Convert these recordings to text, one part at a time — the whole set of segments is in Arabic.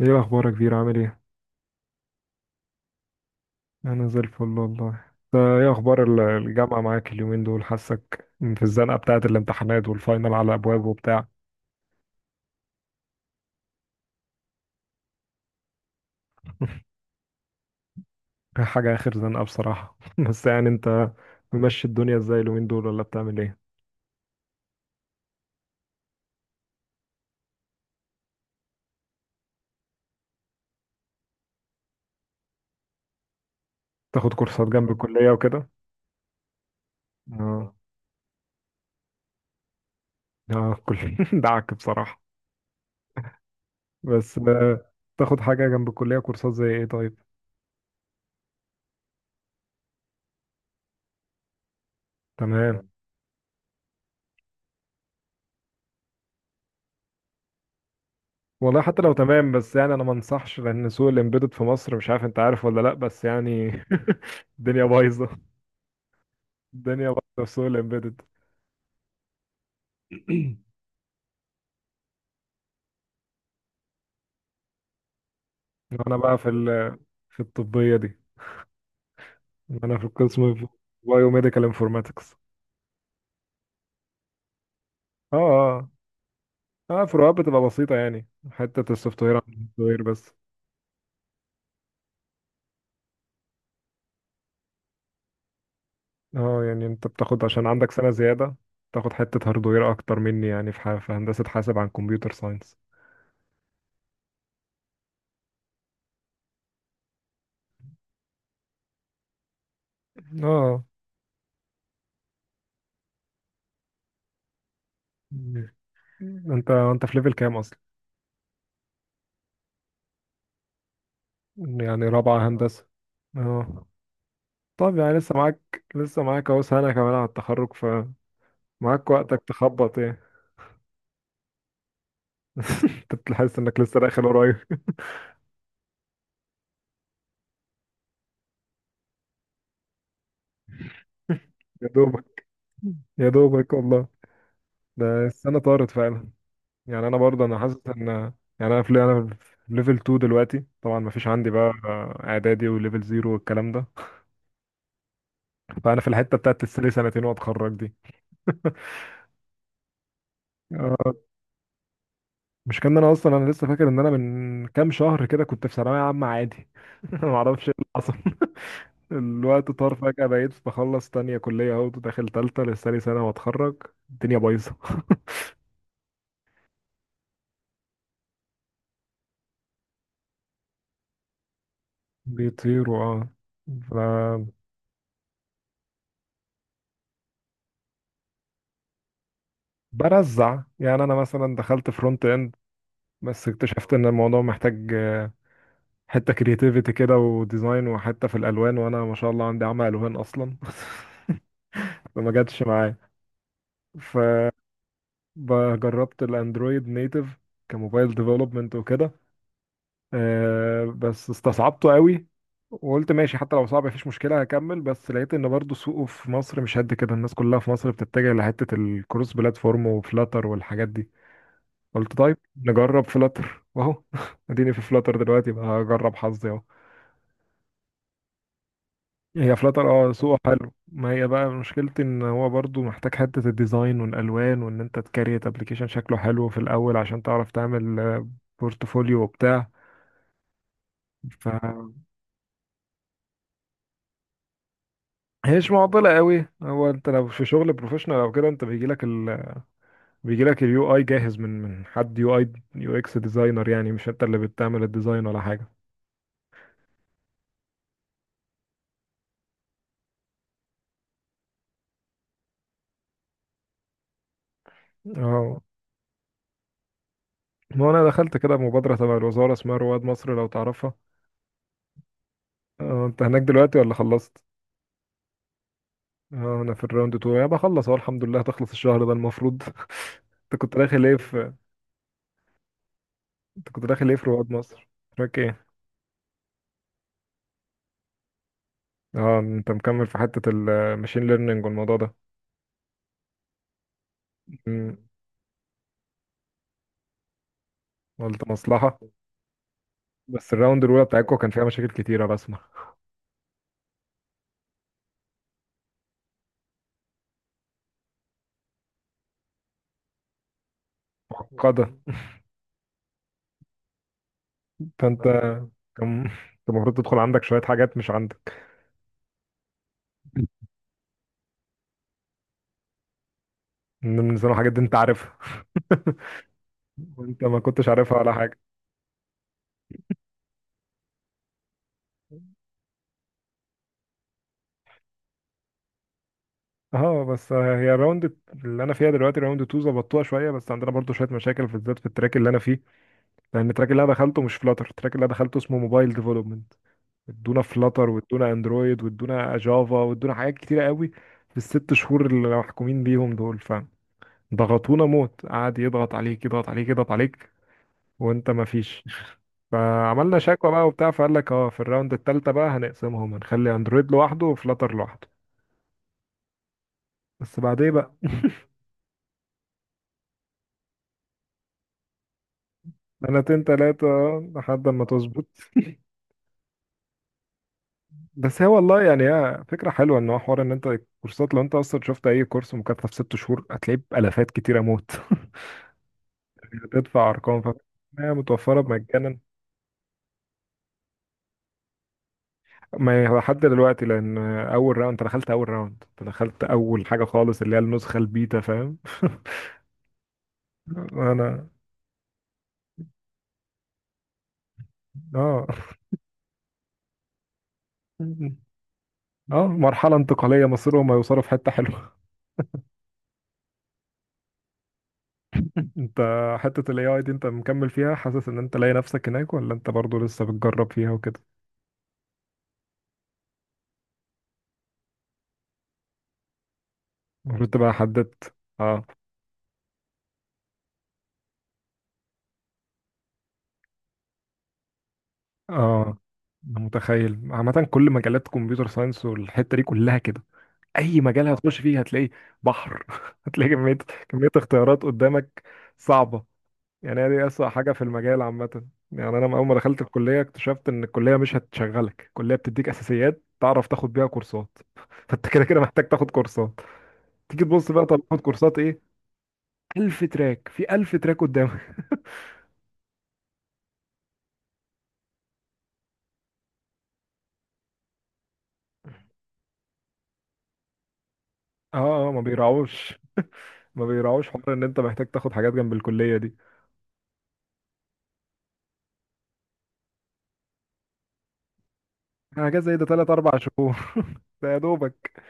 ايه اخبارك كبير؟ عامل ايه؟ انا زي الفل والله. انت ايه اخبار الجامعه معاك اليومين دول؟ حاسك في الزنقه بتاعه الامتحانات والفاينل على ابواب وبتاع. حاجه اخر زنقه بصراحه. بس يعني انت ممشي الدنيا ازاي اليومين دول ولا بتعمل ايه؟ تاخد كورسات جنب الكليه وكده. اه اه كل دعك بصراحه. بس تاخد حاجه جنب الكليه كورسات زي ايه طيب؟ تمام. والله حتى لو تمام بس يعني انا ما انصحش، لان سوق الامبيدد في مصر، مش عارف انت عارف ولا لا، بس يعني الدنيا بايظه، الدنيا بايظه في سوق الامبيدد. انا بقى في في الطبيه دي. انا في القسم بايو ميديكال انفورماتكس. اه. اه فروقات بتبقى بسيطه يعني، حته السوفت وير عن الهارد وير بس. اه يعني انت بتاخد عشان عندك سنه زياده، تاخد حته هارد وير اكتر مني، يعني في في هندسه حاسب عن كمبيوتر ساينس. اه. انت في ليفل كام اصلا؟ يعني رابعة هندسة. اه. طب يعني لسه معاك اهو سنة كمان على التخرج، فمعاك وقتك تخبط يعني. انت بتحس انك لسه داخل قريب. يا دوبك، يا دوبك والله. ده السنة طارت فعلا. يعني انا برضه حاسس ان يعني انا في ليفل 2 دلوقتي، طبعا ما فيش عندي بقى اعدادي وليفل 0 والكلام ده. فانا في الحتة بتاعت لسه لي سنتين واتخرج دي. آه، مش كان انا اصلا، انا لسه فاكر ان انا من كام شهر كده كنت في ثانوية عامة عادي. ما اعرفش ايه اللي حصل. الوقت طار فجأة، بقيت بخلص تانية كلية اهو داخل تالتة لسه لي سنة واتخرج. الدنيا بايظة. بيطيروا اه. فبرزع يعني، انا مثلا دخلت فرونت اند بس اكتشفت ان الموضوع محتاج حتة كرياتيفيتي كده وديزاين وحتة في الالوان، وانا ما شاء الله عندي عمى الوان اصلا. فما جاتش معايا. فجربت الاندرويد نيتف كموبايل ديفلوبمنت وكده، بس استصعبته قوي. وقلت ماشي حتى لو صعب مفيش مشكلة هكمل، بس لقيت ان برضو سوقه في مصر مش قد كده، الناس كلها في مصر بتتجه لحتة الكروس بلاتفورم وفلاتر والحاجات دي. قلت طيب نجرب فلاتر واهو، اديني في فلاتر دلوقتي بقى هجرب حظي اهو. هي فلاتر اه سوقه حلو، ما هي بقى مشكلتي ان هو برضو محتاج حتة الديزاين والالوان، وان انت تكريت ابلكيشن شكله حلو في الاول عشان تعرف تعمل بورتفوليو وبتاع. ف هي مش معضله قوي، هو انت لو في شغل بروفيشنال او كده، انت بيجي لك بيجي لك اليو اي جاهز من حد يو اي يو اكس ديزاينر، يعني مش انت اللي بتعمل الديزاين ولا حاجه. اه. ما انا دخلت كده مبادره تبع الوزاره اسمها رواد مصر، لو تعرفها. اه انت هناك دلوقتي ولا خلصت؟ اه انا في الراوند 2، يعني بخلص اهو الحمد لله، هتخلص الشهر ده المفروض. انت كنت داخل ايه في انت كنت داخل ايه في رواد مصر؟ تراك ايه؟ اه انت مكمل في حته الماشين ليرنينج والموضوع ده؟ مم، قلت مصلحه. بس الراوند الاولى بتاعتكم كان فيها مشاكل كتيره بسمع. معقده. فانت كان كان المفروض تدخل عندك شويه حاجات مش عندك من زمان حاجات دي انت عارفها. وانت ما كنتش عارفها ولا حاجه. اه بس هي اللي انا فيها دلوقتي راوند 2 ظبطوها شويه، بس عندنا برضو شويه مشاكل في الذات في التراك اللي انا فيه. لان التراك اللي انا دخلته مش فلاتر، التراك اللي انا دخلته اسمه موبايل ديفلوبمنت. ادونا فلاتر وادونا اندرويد وادونا جافا وادونا حاجات كتيره قوي في الست شهور اللي محكومين بيهم دول. ضغطونا موت، قعد يضغط عليك يضغط عليك يضغط عليك وانت ما فيش. فعملنا شكوى بقى وبتاع، فقال لك اه في الراوند التالتة بقى هنقسمهم، هنخلي اندرويد لوحده وفلاتر لوحده. بس بعدين بقى سنتين تلاتة لحد ما تظبط. بس هي والله يعني هي فكرة حلوة، ان هو حوار ان انت الكورسات، لو انت اصلا شفت اي كورس مكثف ست شهور هتلاقيه بألافات كتيرة موت. هتدفع ارقام، فهي متوفرة مجانا. ما هو لحد دلوقتي، لان اول راوند، انت دخلت اول حاجه خالص اللي هي النسخه البيتا، فاهم. انا. اه اه مرحله انتقاليه مصيرهم هيوصلوا في حته حلوه. انت حته الاي اي دي انت مكمل فيها، حاسس ان انت لاقي نفسك هناك ولا انت برضو لسه بتجرب فيها وكده؟ المفروض تبقى حددت. اه. اه انا متخيل عامه، كل مجالات كمبيوتر ساينس والحته دي كلها كده، اي مجال هتخش فيه هتلاقي بحر. هتلاقي كميه كميه اختيارات قدامك، صعبه. يعني هي دي اسوأ حاجه في المجال عامه. يعني انا اول ما دخلت الكليه اكتشفت ان الكليه مش هتشغلك، الكليه بتديك اساسيات تعرف تاخد بيها كورسات. فانت كده كده محتاج تاخد كورسات. تيجي تبص بقى، طب تاخد كورسات ايه؟ ألف تراك في ألف تراك قدامك. اه ما بيراعوش، ما بيراعوش حوار ان انت محتاج تاخد حاجات جنب الكليه دي. حاجات زي ده تلات اربع شهور. ده يا دوبك.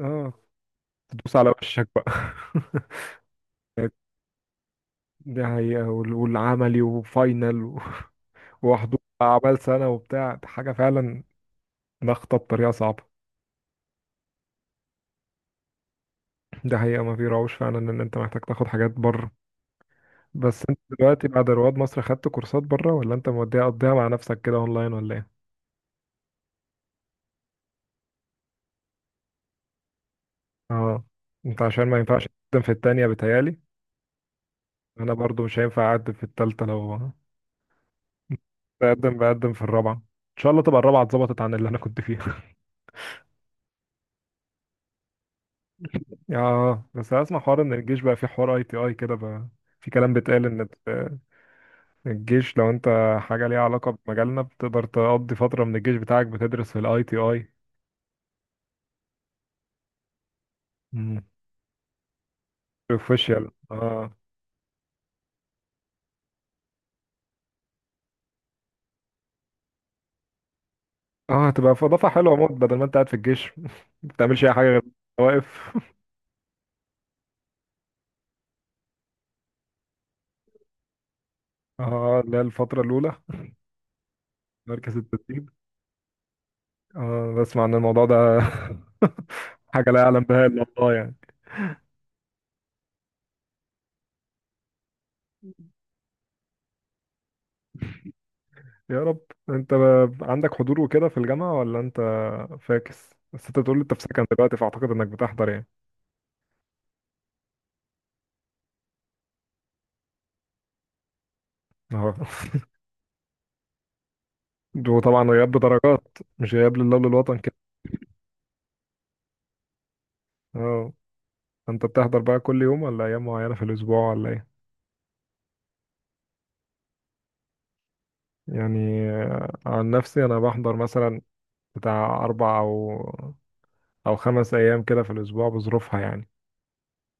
اه تدوس على وشك بقى. دي حقيقة، والعملي وفاينل وحضور أعمال سنة وبتاع، دي حاجة فعلا، ضغطة بطريقة صعبة. ده حقيقة، ما في روش فعلا إن أنت محتاج تاخد حاجات بره. بس أنت دلوقتي بعد رواد مصر خدت كورسات بره، ولا أنت موديها قضيها مع نفسك كده أونلاين، ولا إيه؟ أه، أنت عشان ما ينفعش تقدم في التانية بتهيألي. أنا برضو مش هينفع أقدم في التالتة، لو بقدم في الرابعة. إن شاء الله تبقى الرابعة اتظبطت عن اللي أنا كنت فيها. آه بس أسمع حوار إن الجيش بقى فيه حوار أي تي أي كده بقى، في كلام بيتقال إن الجيش لو انت حاجة ليها علاقة بمجالنا، بتقدر تقضي فترة من الجيش بتاعك بتدرس في الاي تي اي. مم. بروفيشال اه. اه هتبقى في اضافة حلوة موت، بدل ما انت قاعد في الجيش ما بتعملش اي حاجة غير واقف. اه اللي هي الفترة الأولى، مركز التدريب. اه بسمع ان الموضوع ده حاجة لا يعلم بها إلا الله يعني. يا رب. انت عندك حضور وكده في الجامعة، ولا انت فاكس؟ بس انت بتقول لي انت في سكن دلوقتي، فاعتقد انك بتحضر يعني. اه. وطبعا غياب بدرجات، مش غياب لله وللوطن. اه. انت بتحضر بقى كل يوم، ولا ايام معينة في الاسبوع، ولا ايه؟ يعني عن نفسي انا بحضر مثلا بتاع اربع او او خمس ايام كده في الاسبوع، بظروفها يعني.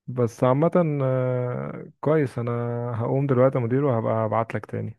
بس عامة كويس. انا هقوم دلوقتي يا مدير، وهبقى ابعت لك تاني.